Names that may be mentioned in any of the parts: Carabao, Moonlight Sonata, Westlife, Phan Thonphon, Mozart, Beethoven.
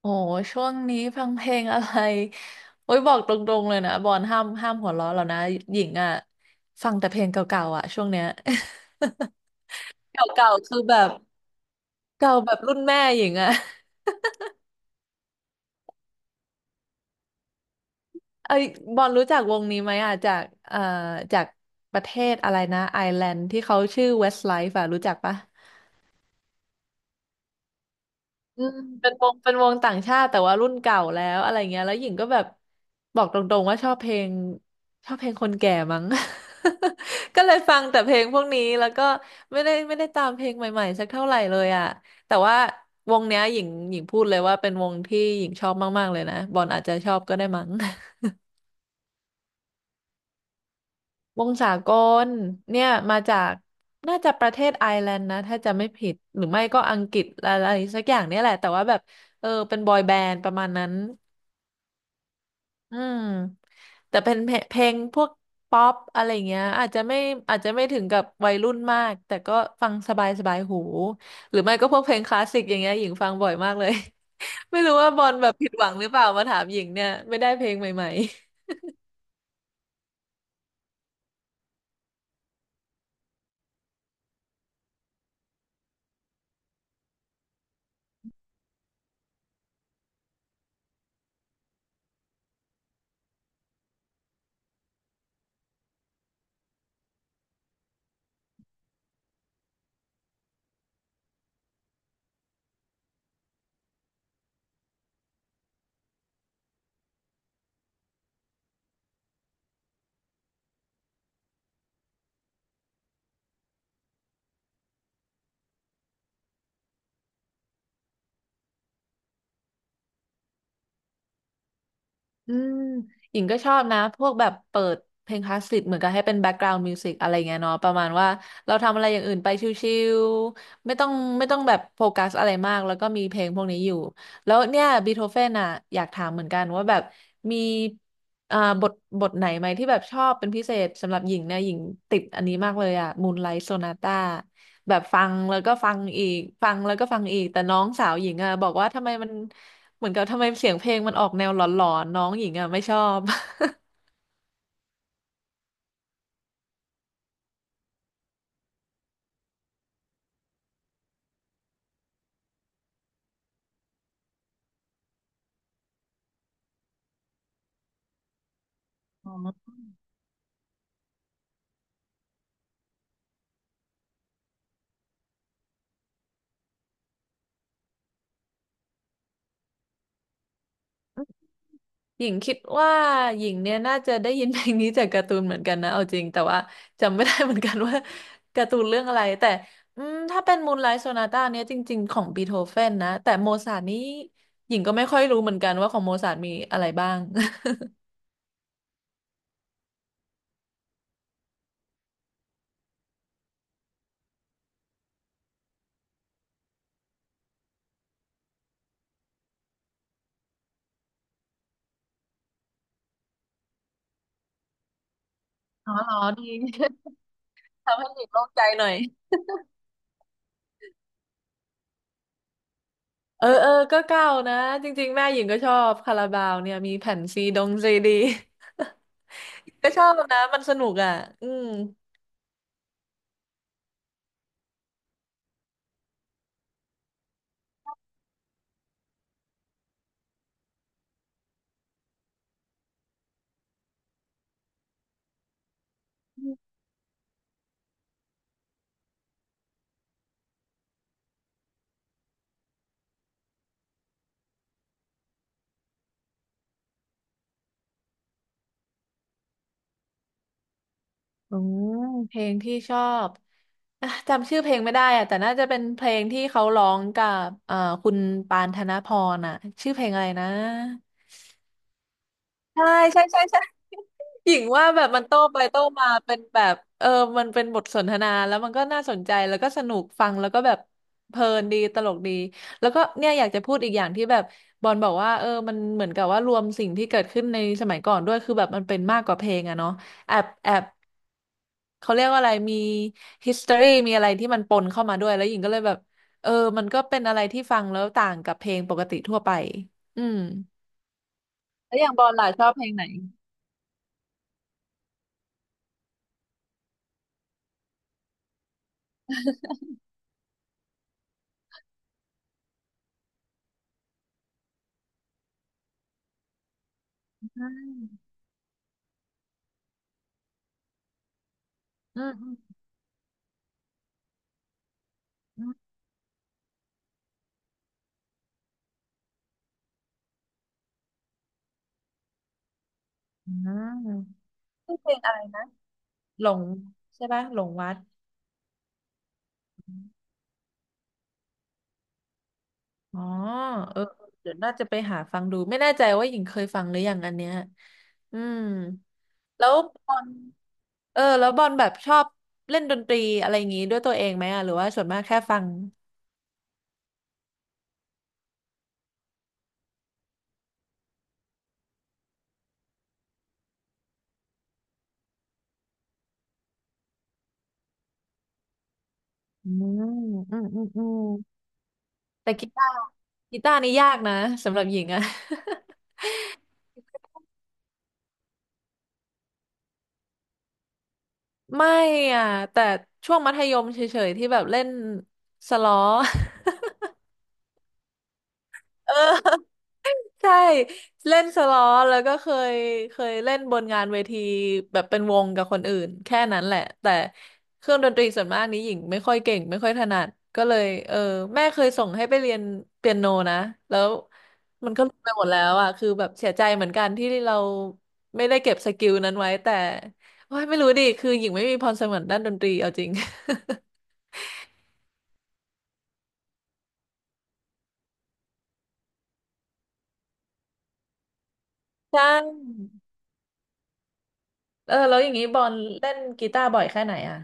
โอ้ช่วงนี้ฟังเพลงอะไร โอ้ยบอกตรงๆเลยนะบอลห้ามหัวเราะแล้วนะหญิงอ่ะฟังแต่เพลงเก่าๆอ่ะช่วงเนี้ย เก่าๆคือแบบเก่าแบบรุ่นแม่หญิงอ่ะไอ้ยบอลรู้จักวงนี้ไหมอ่ะจากเอ่อจากประเทศอะไรนะไอร์แลนด์ที่เขาชื่อ Westlife อ่ะรู้จักปะ อืมเป็นวงต่างชาติแต่ว่ารุ่นเก่าแล้วอะไรเงี้ยแล้วหญิงก็แบบบอกตรงๆว่าชอบเพลงคนแก่มั้ง ก็เลยฟังแต่เพลงพวกนี้แล้วก็ไม่ได้ตามเพลงใหม่ๆสักเท่าไหร่เลยอ่ะแต่ว่าวงเนี้ยหญิงพูดเลยว่าเป็นวงที่หญิงชอบมากๆเลยนะบอลอาจจะชอบก็ได้มั้ง วงสากลเนี่ยมาจากน่าจะประเทศไอร์แลนด์นะถ้าจะไม่ผิดหรือไม่ก็อังกฤษอะไรสักอย่างเนี่ยแหละแต่ว่าแบบเออเป็นบอยแบนด์ประมาณนั้น อืมแต่เป็นเพลงพวกป๊อปอะไรเงี้ยอาจจะไม่ถึงกับวัยรุ่นมากแต่ก็ฟังสบายสบายหูหรือไม่ก็พวกเพลงคลาสสิกอย่างเงี้ยหญิงฟังบ่อยมากเลย ไม่รู้ว่าบอลแบบผิดหวังหรือเปล่ามาถามหญิงเนี่ยไม่ได้เพลงใหม่ อืมหญิงก็ชอบนะพวกแบบเปิดเพลงคลาสสิกเหมือนกับให้เป็นแบ็กกราว n d มิวสิกอะไรเงี้ยเนาะประมาณว่าเราทำอะไรอย่างอื่นไปชิวๆไม่ต้องแบบโฟกัสอะไรมากแล้วก็มีเพลงพวกนี้อยู่แล้วเนี่ยบีโธเฟนอ่ะอยากถามเหมือนกันว่าแบบมีอ่าบทบทไหนไหมที่แบบชอบเป็นพิเศษสำหรับหญิงเนี่ยหญิงติดอันนี้มากเลยอ่ะมูนไลท์โซนาต้า แบบฟังแล้วก็ฟังอีกฟังแล้วก็ฟังอีกแต่น้องสาวหญิงอ่ะบอกว่าทำไมมันเหมือนกับทำไมเสียงเพลงมันออกแนวหลอนๆน้องหญิงอ่ะไม่ชอบ หญิงคิดว่าหญิงเนี่ยน่าจะได้ยินเพลงนี้จากการ์ตูนเหมือนกันนะเอาจริงแต่ว่าจำไม่ได้เหมือนกันว่าการ์ตูนเรื่องอะไรแต่อืมถ้าเป็นมูนไลท์โซนาต้าเนี่ยจริงๆของบีโธเฟนนะแต่โมซาร์ทนี้หญิงก็ไม่ค่อยรู้เหมือนกันว่าของโมซาร์ทมีอะไรบ้าง อ๋อเหรอดี ทำให้หญิงโล่งใจหน่อย เออก็เก่านะจริงๆแม่หญิงก็ชอบคาราบาวเนี่ยมีแผ่นซีดงซีดี ก็ชอบนะมันสนุกอ่ะอืมอืมเพลงที่ชอบอ่ะจำชื่อเพลงไม่ได้อ่ะแต่น่าจะเป็นเพลงที่เขาร้องกับคุณปานธนพรอ่ะชื่อเพลงอะไรนะ ใช่ใช่ใช่ใช่ หญิงว่าแบบมันโต้ไปโต้มาเป็นแบบเออมันเป็นบทสนทนาแล้วมันก็น่าสนใจแล้วก็สนุกฟังแล้วก็แบบเพลินดีตลกดีแล้วก็เนี่ยอยากจะพูดอีกอย่างที่แบบบอลบอกว่าเออมันเหมือนกับว่ารวมสิ่งที่เกิดขึ้นในสมัยก่อนด้วยคือแบบมันเป็นมากกว่าเพลงอะเนาะแอบแอบเขาเรียกว่าอะไรมี history มีอะไรที่มันปนเข้ามาด้วยแล้วหญิงก็เลยแบบเออมันก็เป็นอะไรที่ฟังแล้วต่างกับเพลงปกติทั่วไปอืมแล้วอย่างบอลล่ะชอบเพลงไหน อืมอืมอืมอืมชื่อเพลงอะไรนะหลงใช่ปะหลงวัดอ๋อเออเดี๋ยวน่าจะไปหาฟังดูไม่แน่ใจว่าหญิงเคยฟังหรือยังอันเนี้ยอืมแล้วบอลเออแล้วบอลแบบชอบเล่นดนตรีอะไรอย่างงี้ด้วยตัวเองไหมอ่ะหรือว่าส่วนมากแค่ฟังอืมอืมอืมอืมแต่กีตาร์นี่ยากนะสำหรับหญิงอะ ไม่อ่ะแต่ช่วงมัธยมเฉยๆที่แบบเล่นสล้อ เออ ใช่เล่นสล้อแล้วก็ยเคยเล่นบนงานเวทีแบบเป็นวงกับคนอื่นแค่นั้นแหละแต่เครื่องดนตรีส่วนมากนี้หญิงไม่ค่อยเก่งไม่ค่อยถนัดก็เลยเออแม่เคยส่งให้ไปเรียนเปียโนนะแล้วมันก็ลืมไปหมดแล้วอ่ะคือแบบเสียใจเหมือนกันที่เราไม่ได้เก็บสกิลนั้นไว้แต่โอ้ยไม่รู้ดิคือหญิงไม่มีพรสวรรค์ด้านดนตรีเอาจริง ใช่เออแล้วอย่างนี้บอลเล่นกีตาร์บ่อยแค่ไหนอ่ะ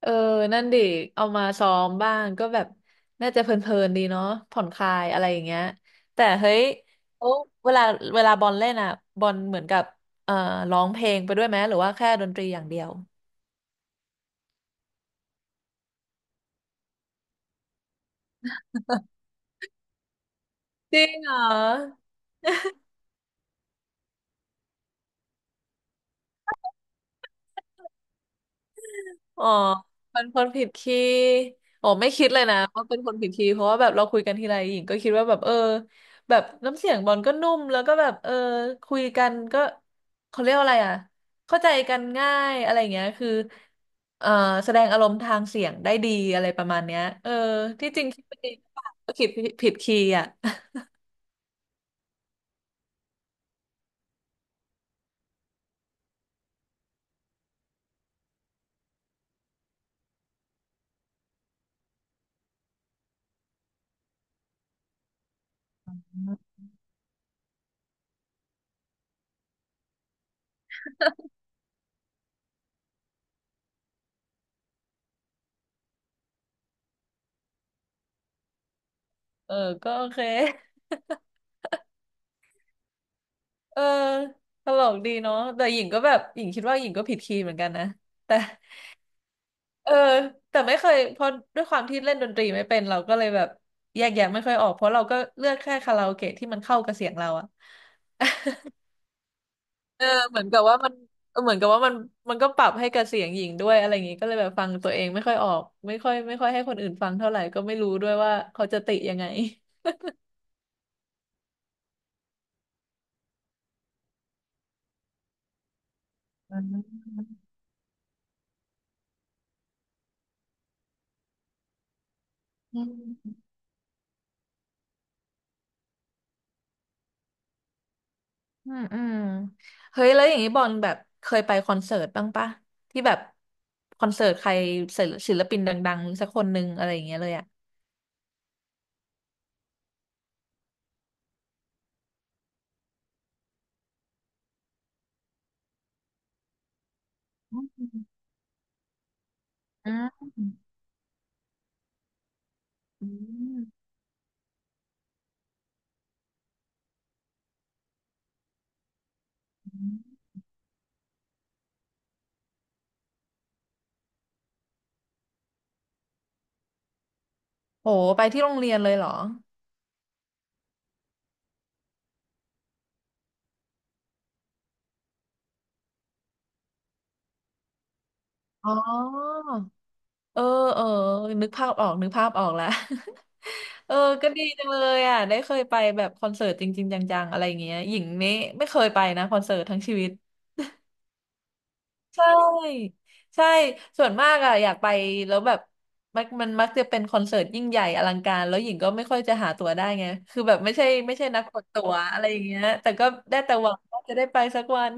เออนั่นดิเอามาซ้อมบ้างก็แบบน่าจะเพลินๆดีเนาะผ่อนคลายอะไรอย่างเงี้ยแต่เฮ้ยโอ้เวลาเวลาบอลเล่นอ่ะบอลเหมือนกับเอ่อร้องเพลงไปด้วยไหมหรือว่าแค่ดนตรีอย่างเดียวจริงเหรอ อ๋อเป็นคนผิดคีย์อ๋อไม่คิดเลยนะว่าเป็นคนผิดคีย์เพราะว่าแบบเราคุยกันทีไรหญิงก็คิดว่าแบบเออแบบน้ำเสียงบอลก็นุ่มแล้วก็แบบเออคุยกันก็เขาเรียกว่าอะไรอ่ะเข้าใจกันง่ายอะไรอย่างเงี้ยคือเออแสดงอารมณ์ทางเสียงได้ดีอะไรประมาณเนี้ยเออที่จริงคิดไปเองก็คิดผิดคีย์อ่ะ เออก็โอเคเออตลกดีเนาะแต่หญิงก็แบบหญิงคิดว่าหญิงก็ผิดคีย์เหมือนกันนะแต่ เออแต่ไม่เคยเพราะด้วยความที่เล่นดนตรีไม่เป็นเราก็เลยแบบแยกแยะไม่ค่อยออกเพราะเราก็เลือกแค่คาราโอเกะที่มันเข้ากับเสียงเราอะเออเหมือนกับว่ามันเออเหมือนกับว่ามันมันก็ปรับให้กับเสียงหญิงด้วยอะไรอย่างงี้ก็เลยแบบฟังตัวเองไม่ค่อยออกไม่ค่อยให้คนอื่นฟังเท่าไหร่ก็ไม่รู้ด้วยว่าเขาจะติยังไงอืมอืมอืมอืมเฮ้ยแล้วอย่างนี้บอลแบบเคยไปคอนเสิร์ตบ้างปะที่แบบคอนเสิร์ตใครศิลปินดังๆสักคนหนึ่งอะไรอย่างเงี้ยเลยอะ อ่าอืมอโหไปที่โรงเรียนเลยเหรออ๋อเออเออนึกภาพออกนึกภาพออกแล้ว เออก็ดีจังเลยอ่ะได้เคยไปแบบคอนเสิร์ตจริงๆจังๆอะไรอย่างเงี้ยหญิงนี่ไม่เคยไปนะคอนเสิร์ตทั้งชีวิตใช่ใช่ส่วนมากอ่ะอยากไปแล้วแบบมันมักจะเป็นคอนเสิร์ตยิ่งใหญ่อลังการแล้วหญิงก็ไม่ค่อยจะหาตั๋วได้ไงคือแบบไม่ใช่นักกดตั๋วอะไรอย่างเงี้ยแต่ก็ได้แต่หวังว่าจะได้ไปสักวัน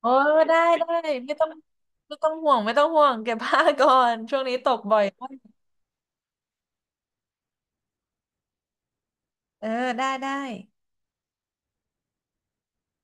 เออได้ได้ไม่ต้องไม่ต้องห่วงเก็บผ้าก่อนช่วงนี้ตกบ่อยมากเออได้ได้